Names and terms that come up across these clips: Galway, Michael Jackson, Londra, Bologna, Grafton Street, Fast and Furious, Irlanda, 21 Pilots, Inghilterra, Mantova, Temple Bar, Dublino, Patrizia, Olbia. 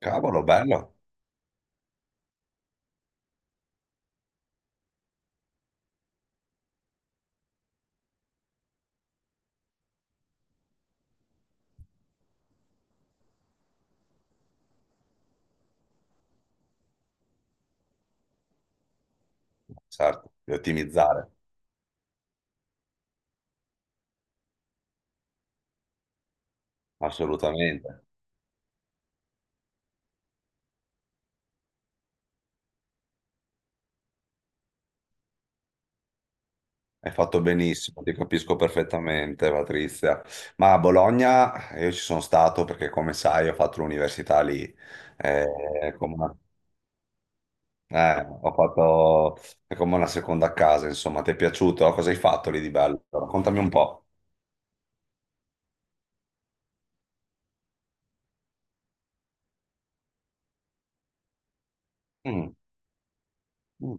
Cavolo, bello, certo, di ottimizzare, assolutamente. Hai fatto benissimo, ti capisco perfettamente, Patrizia. Ma a Bologna io ci sono stato perché, come sai, ho fatto l'università lì, eh, come, ho fatto è come una seconda casa, insomma. Ti è piaciuto? Cosa hai fatto lì di bello? Raccontami un po'. Mm, mm,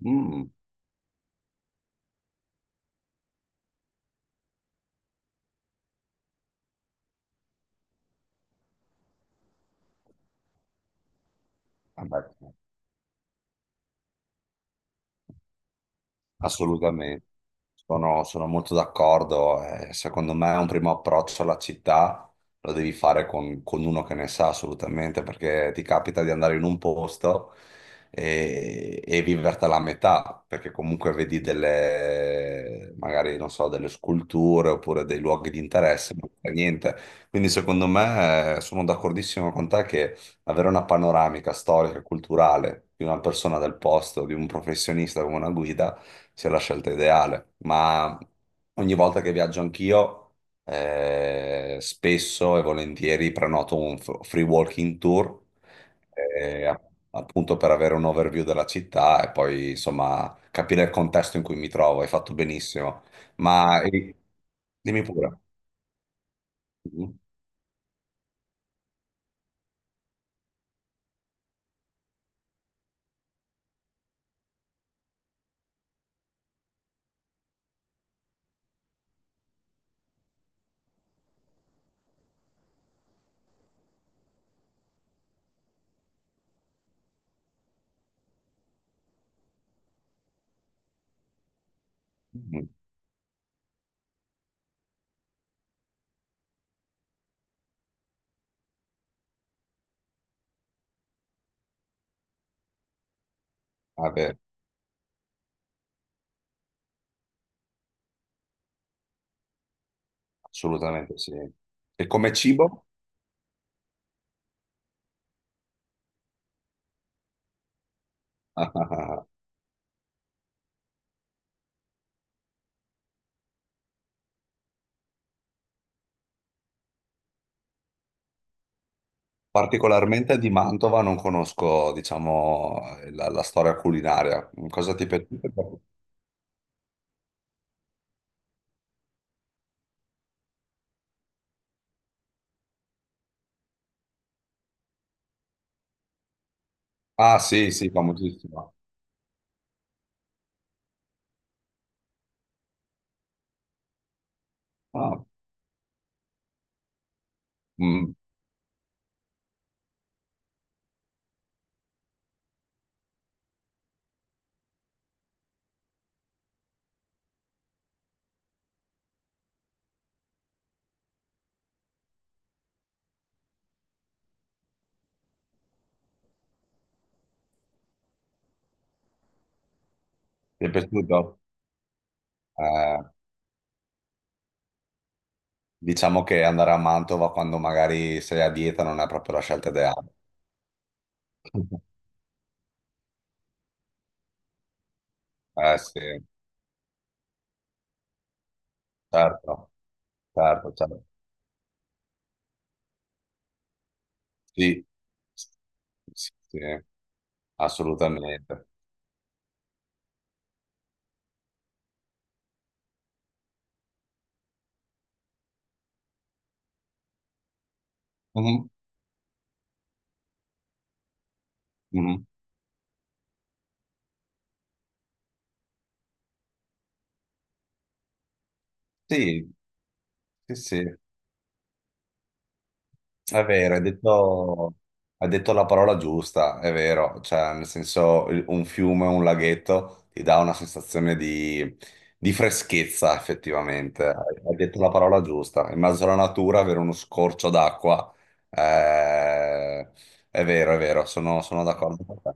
mm. Vabbè. Assolutamente, sono molto d'accordo. Secondo me un primo approccio alla città lo devi fare con uno che ne sa assolutamente, perché ti capita di andare in un posto e vivertela a metà, perché comunque vedi delle, magari, non so, delle sculture oppure dei luoghi di interesse, ma non fai niente. Quindi secondo me sono d'accordissimo con te che avere una panoramica storica e culturale di una persona del posto, di un professionista come una guida, sia la scelta ideale, ma ogni volta che viaggio anch'io, spesso e volentieri prenoto un free walking tour, eh, a- appunto per avere un overview della città e poi insomma capire il contesto in cui mi trovo. Hai fatto benissimo, ma dimmi pure. Mhm. Mhm. Vabbè, assolutamente sì. E come cibo? Particolarmente di Mantova non conosco, diciamo, la storia culinaria. Cosa ti è piaciuto? Ah, sì, sì, famosissima. Ah, mm, ti è piaciuto? Eh, diciamo che andare a Mantova quando magari sei a dieta non è proprio la scelta ideale. Eh sì, certo, certo. Sì, sì, assolutamente. Mhm, mhm. Sì, sì. È vero, hai detto la parola giusta, è vero, cioè nel senso un fiume, un laghetto ti dà una sensazione di freschezza effettivamente, hai detto la parola giusta, in mezzo alla natura avere uno scorcio d'acqua, eh, è vero, sono d'accordo con te.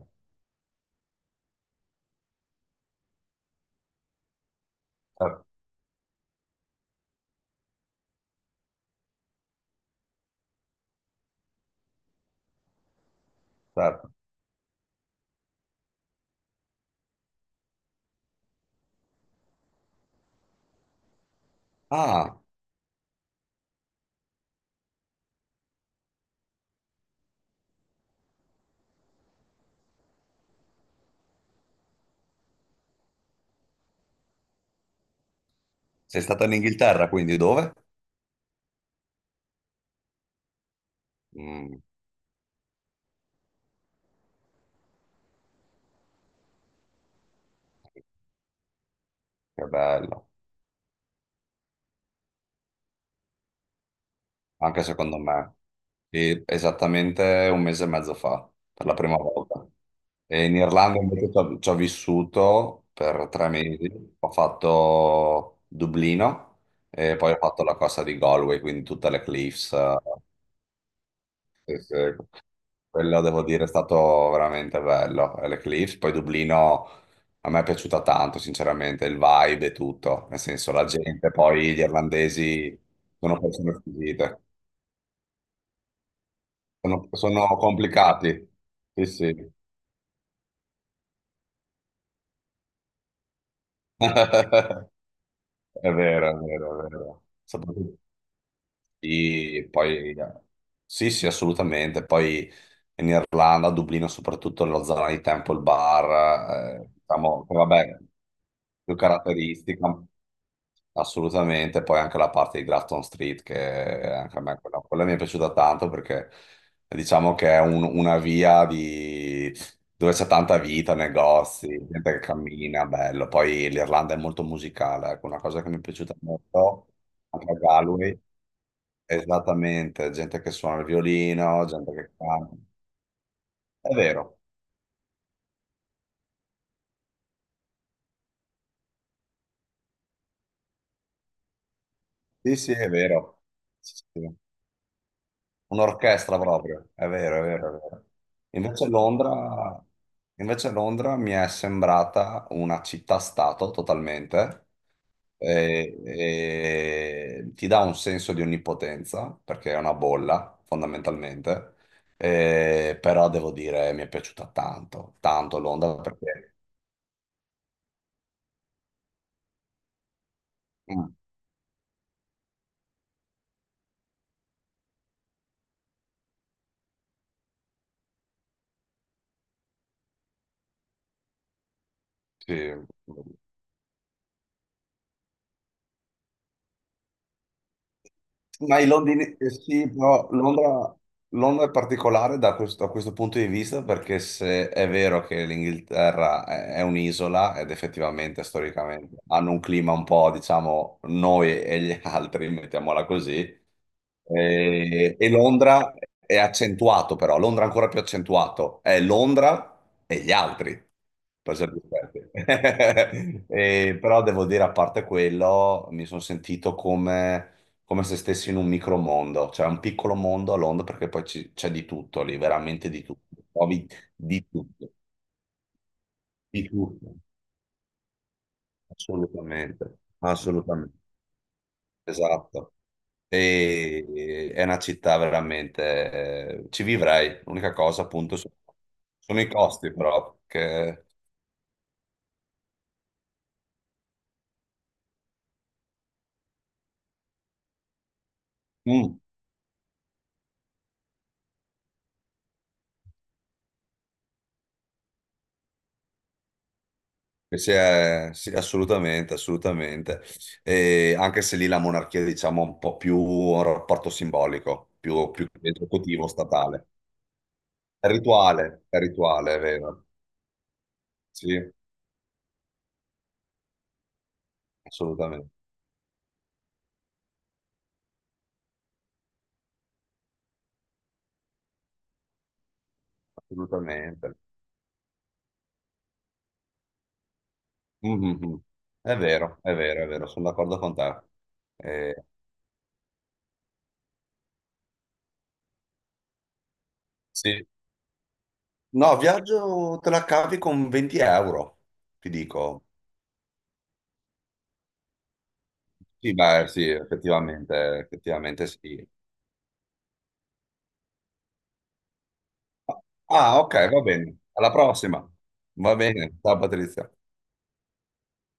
Certo, certo. Ah, sei stata in Inghilterra, quindi dove? Mm, che bello. Anche secondo me, e esattamente un mese e mezzo fa, per la prima volta. E in Irlanda invece ci ho vissuto per tre mesi, ho fatto Dublino e poi ho fatto la costa di Galway, quindi tutte le cliffs. Sì, sì. Quello devo dire è stato veramente bello, le cliffs. Poi Dublino a me è piaciuta tanto, sinceramente, il vibe e tutto, nel senso la gente, poi gli irlandesi sono persone squisite. Sono complicati. Sì, sì. È vero, è vero. Soprattutto- Sì, poi, sì, assolutamente. Poi in Irlanda, a Dublino, soprattutto nella zona di Temple Bar, diciamo, che vabbè, più caratteristica, assolutamente. Poi anche la parte di Grafton Street, che anche a me quella mi è piaciuta tanto perché diciamo che è una via di... dove c'è tanta vita, negozi, gente che cammina, bello. Poi l'Irlanda è molto musicale, ecco, una cosa che mi è piaciuta molto anche a Galway. Esattamente, gente che suona il violino, gente che canta. È vero, sì, sì, è vero. Sì, sì, sì. Un'orchestra proprio, è vero, è vero. Invece Londra, Invece Londra mi è sembrata una città-stato totalmente, e ti dà un senso di onnipotenza, perché è una bolla, fondamentalmente. E- però devo dire mi è piaciuta tanto, tanto Londra, perché... Mm, sì. Ma i londini, sì, però Londra è particolare da questo, a questo punto di vista perché se è vero che l'Inghilterra è un'isola ed effettivamente storicamente hanno un clima un po', diciamo, noi e gli altri, mettiamola così, e Londra è accentuato però, Londra è ancora più accentuato, è Londra e gli altri, Preserve offerte. E, però devo dire, a parte quello, mi sono sentito come se stessi in un micromondo, cioè un piccolo mondo a Londra, perché poi c'è di tutto lì, veramente di tutto. Trovi di tutto, di tutto, assolutamente, esatto. E è una città veramente, ci vivrei. L'unica cosa, appunto, sono i costi, però, che... Mm. Sì, sì, sì, assolutamente, assolutamente. E anche se lì la monarchia, diciamo, ha un po' più un rapporto simbolico, più che esecutivo, statale. È rituale, è vero. Sì, assolutamente, assolutamente. Mhm. È vero, sono d'accordo con te. Eh, sì. No, viaggio te la cavi con 20 euro, ti dico. Sì, beh, sì, effettivamente, effettivamente sì. Ah, ok, va bene. Alla prossima. Va bene. Ciao, Patrizia.